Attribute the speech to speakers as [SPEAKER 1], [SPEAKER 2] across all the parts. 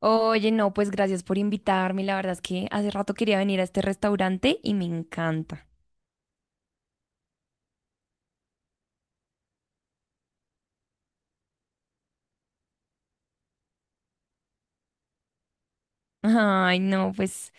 [SPEAKER 1] Oye, no, pues gracias por invitarme. La verdad es que hace rato quería venir a este restaurante y me encanta. Ay, no, pues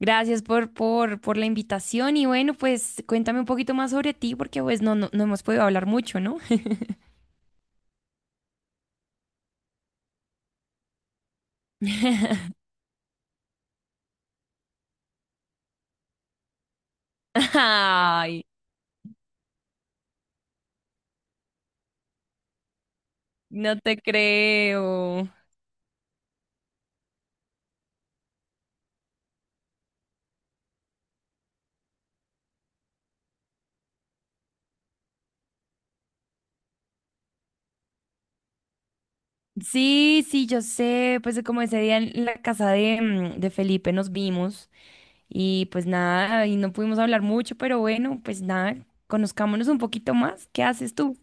[SPEAKER 1] gracias por la invitación y bueno, pues cuéntame un poquito más sobre ti porque pues no hemos podido hablar mucho, ¿no? Ay, no te creo. Sí, sí, yo sé, pues como ese día en la casa de Felipe nos vimos y pues nada, y no pudimos hablar mucho, pero bueno, pues nada, conozcámonos un poquito más. ¿Qué haces tú?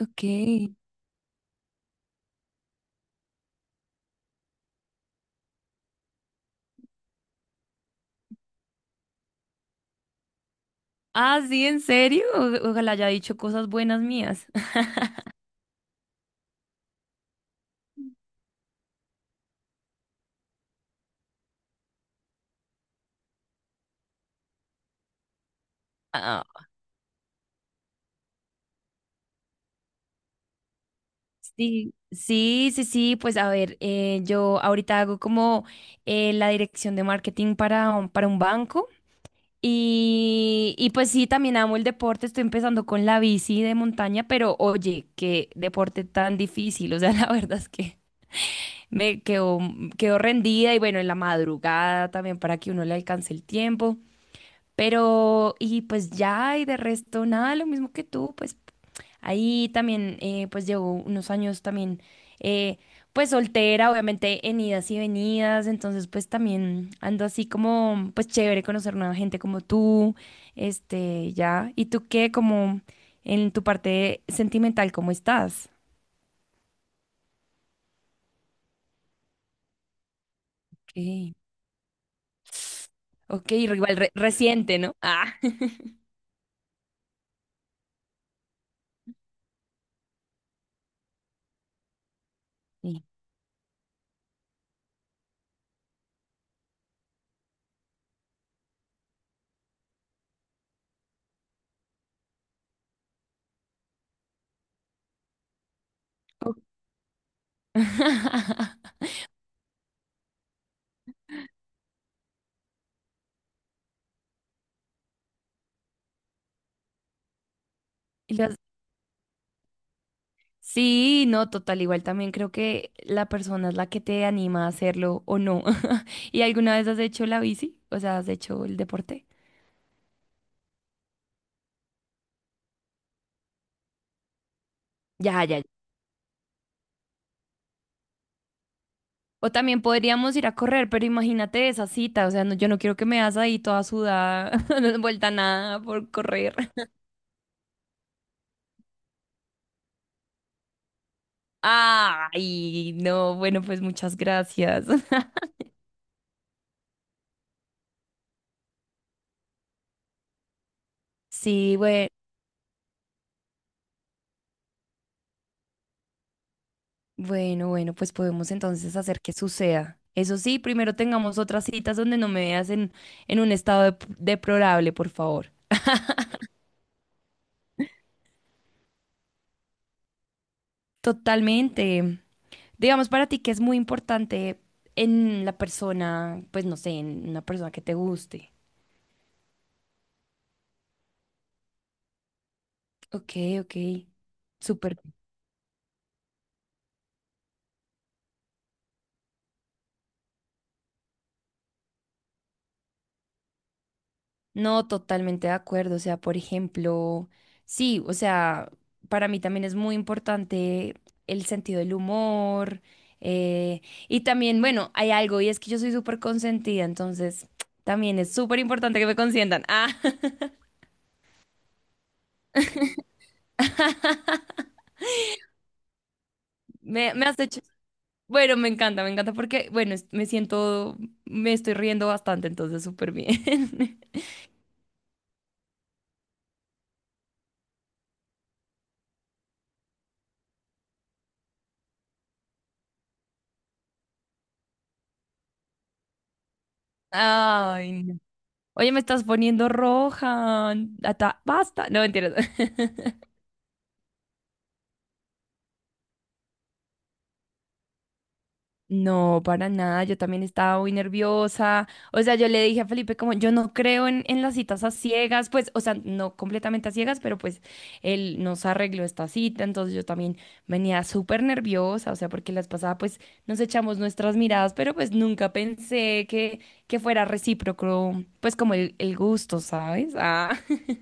[SPEAKER 1] Ok. Ah, sí, ¿en serio? Ojalá haya dicho cosas buenas mías. Ah, sí, sí, sí, sí, pues a ver, yo ahorita hago como la dirección de marketing para, para un banco y pues sí, también amo el deporte, estoy empezando con la bici de montaña, pero oye, qué deporte tan difícil, o sea, la verdad es que me quedo, quedo rendida y bueno, en la madrugada también para que uno le alcance el tiempo. Pero, y pues ya, y de resto, nada, lo mismo que tú, pues ahí también, pues llevo unos años también, eh, pues soltera, obviamente en idas y venidas, entonces pues también ando así como, pues chévere conocer nueva gente como tú, este, ya. ¿Y tú qué, como en tu parte sentimental, cómo estás? Ok, ok, reciente, ¿no? Ah, sí. Ok. ¿Y lo has- Sí, no, total, igual también creo que la persona es la que te anima a hacerlo o no. ¿Y alguna vez has hecho la bici? O sea, has hecho el deporte. Ya, ya, ya. O también podríamos ir a correr, pero imagínate esa cita, o sea, no, yo no quiero que me hagas ahí toda sudada, no vuelta a nada por correr. Ay, no, bueno, pues muchas gracias. Sí, bueno. Bueno, bueno, pues podemos entonces hacer que suceda. Eso sí, primero tengamos otras citas donde no me veas en un estado deplorable, por favor. Totalmente. Digamos para ti que es muy importante en la persona, pues no sé, en una persona que te guste. Ok, ok. Súper. No, totalmente de acuerdo. O sea, por ejemplo, sí, o sea, para mí también es muy importante el sentido del humor. eh, y también, bueno, hay algo, y es que yo soy súper consentida, entonces también es súper importante que me consientan. Ah, me has hecho. Bueno, me encanta porque, bueno, me siento, me estoy riendo bastante, entonces súper bien. Ay, no. Oye, me estás poniendo roja. Basta. No, mentiras. No, para nada, yo también estaba muy nerviosa. O sea, yo le dije a Felipe como yo no creo en las citas a ciegas, pues, o sea, no completamente a ciegas, pero pues él nos arregló esta cita, entonces yo también venía súper nerviosa, o sea, porque las pasadas pues nos echamos nuestras miradas, pero pues nunca pensé que fuera recíproco, pues como el gusto, ¿sabes? Ah.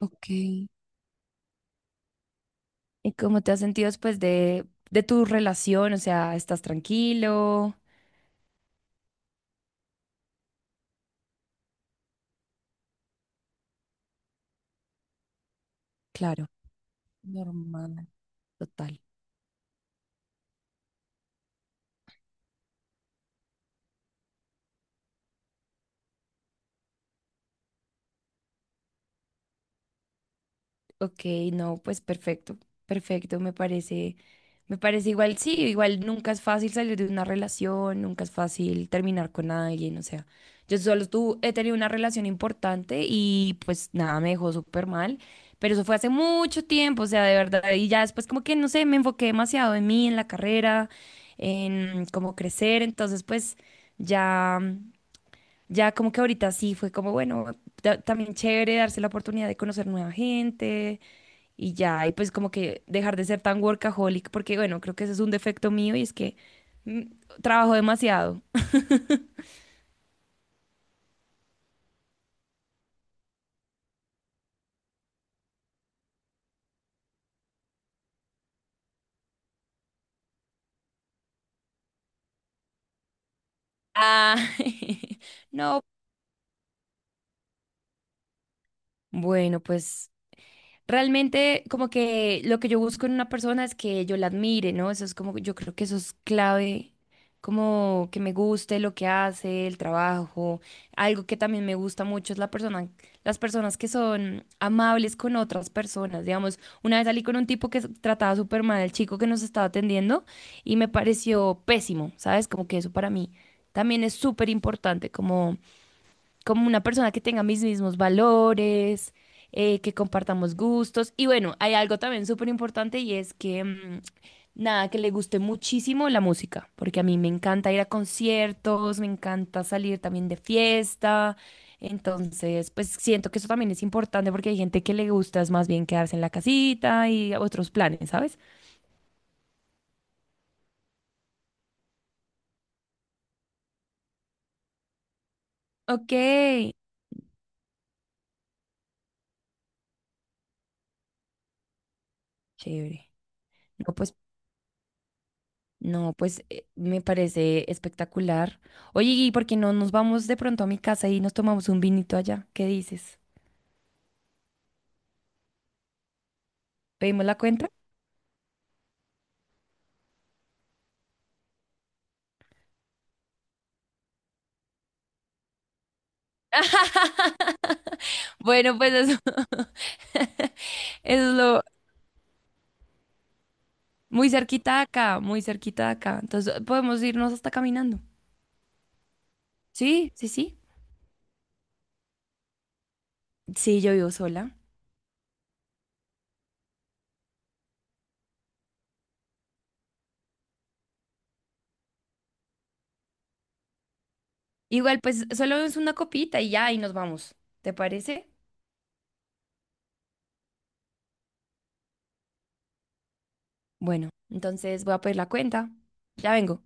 [SPEAKER 1] Ok. ¿Y cómo te has sentido después de tu relación? O sea, ¿estás tranquilo? Claro, normal. Total. Ok, no, pues perfecto, perfecto, me parece igual, sí, igual nunca es fácil salir de una relación, nunca es fácil terminar con alguien, o sea, yo solo tú he tenido una relación importante y pues nada, me dejó súper mal, pero eso fue hace mucho tiempo, o sea, de verdad, y ya después como que, no sé, me enfoqué demasiado en mí, en la carrera, en cómo crecer, entonces pues ya. Ya como que ahorita sí fue como, bueno, también chévere darse la oportunidad de conocer nueva gente y ya, y pues como que dejar de ser tan workaholic, porque bueno, creo que ese es un defecto mío y es que mm, trabajo demasiado. Ah, no. Bueno, pues realmente, como que lo que yo busco en una persona es que yo la admire, ¿no? Eso es como, yo creo que eso es clave, como que me guste lo que hace, el trabajo. Algo que también me gusta mucho es la persona, las personas que son amables con otras personas. Digamos, una vez salí con un tipo que trataba súper mal al chico que nos estaba atendiendo y me pareció pésimo, ¿sabes? Como que eso para mí también es súper importante, como como una persona que tenga mis mismos valores, que compartamos gustos. Y bueno, hay algo también súper importante y es que, nada, que le guste muchísimo la música, porque a mí me encanta ir a conciertos, me encanta salir también de fiesta. Entonces, pues siento que eso también es importante porque hay gente que le gusta es más bien quedarse en la casita y otros planes, ¿sabes? Ok, chévere. No, pues no, pues me parece espectacular. Oye, ¿y por qué no nos vamos de pronto a mi casa y nos tomamos un vinito allá? ¿Qué dices? ¿Pedimos la cuenta? Bueno, pues eso, eso es lo muy cerquita de acá, muy cerquita de acá. Entonces podemos irnos hasta caminando. Sí, sí, sí. Sí, yo vivo sola. Igual, pues solo es una copita y ya, y nos vamos. ¿Te parece? Bueno, entonces voy a pedir la cuenta. Ya vengo.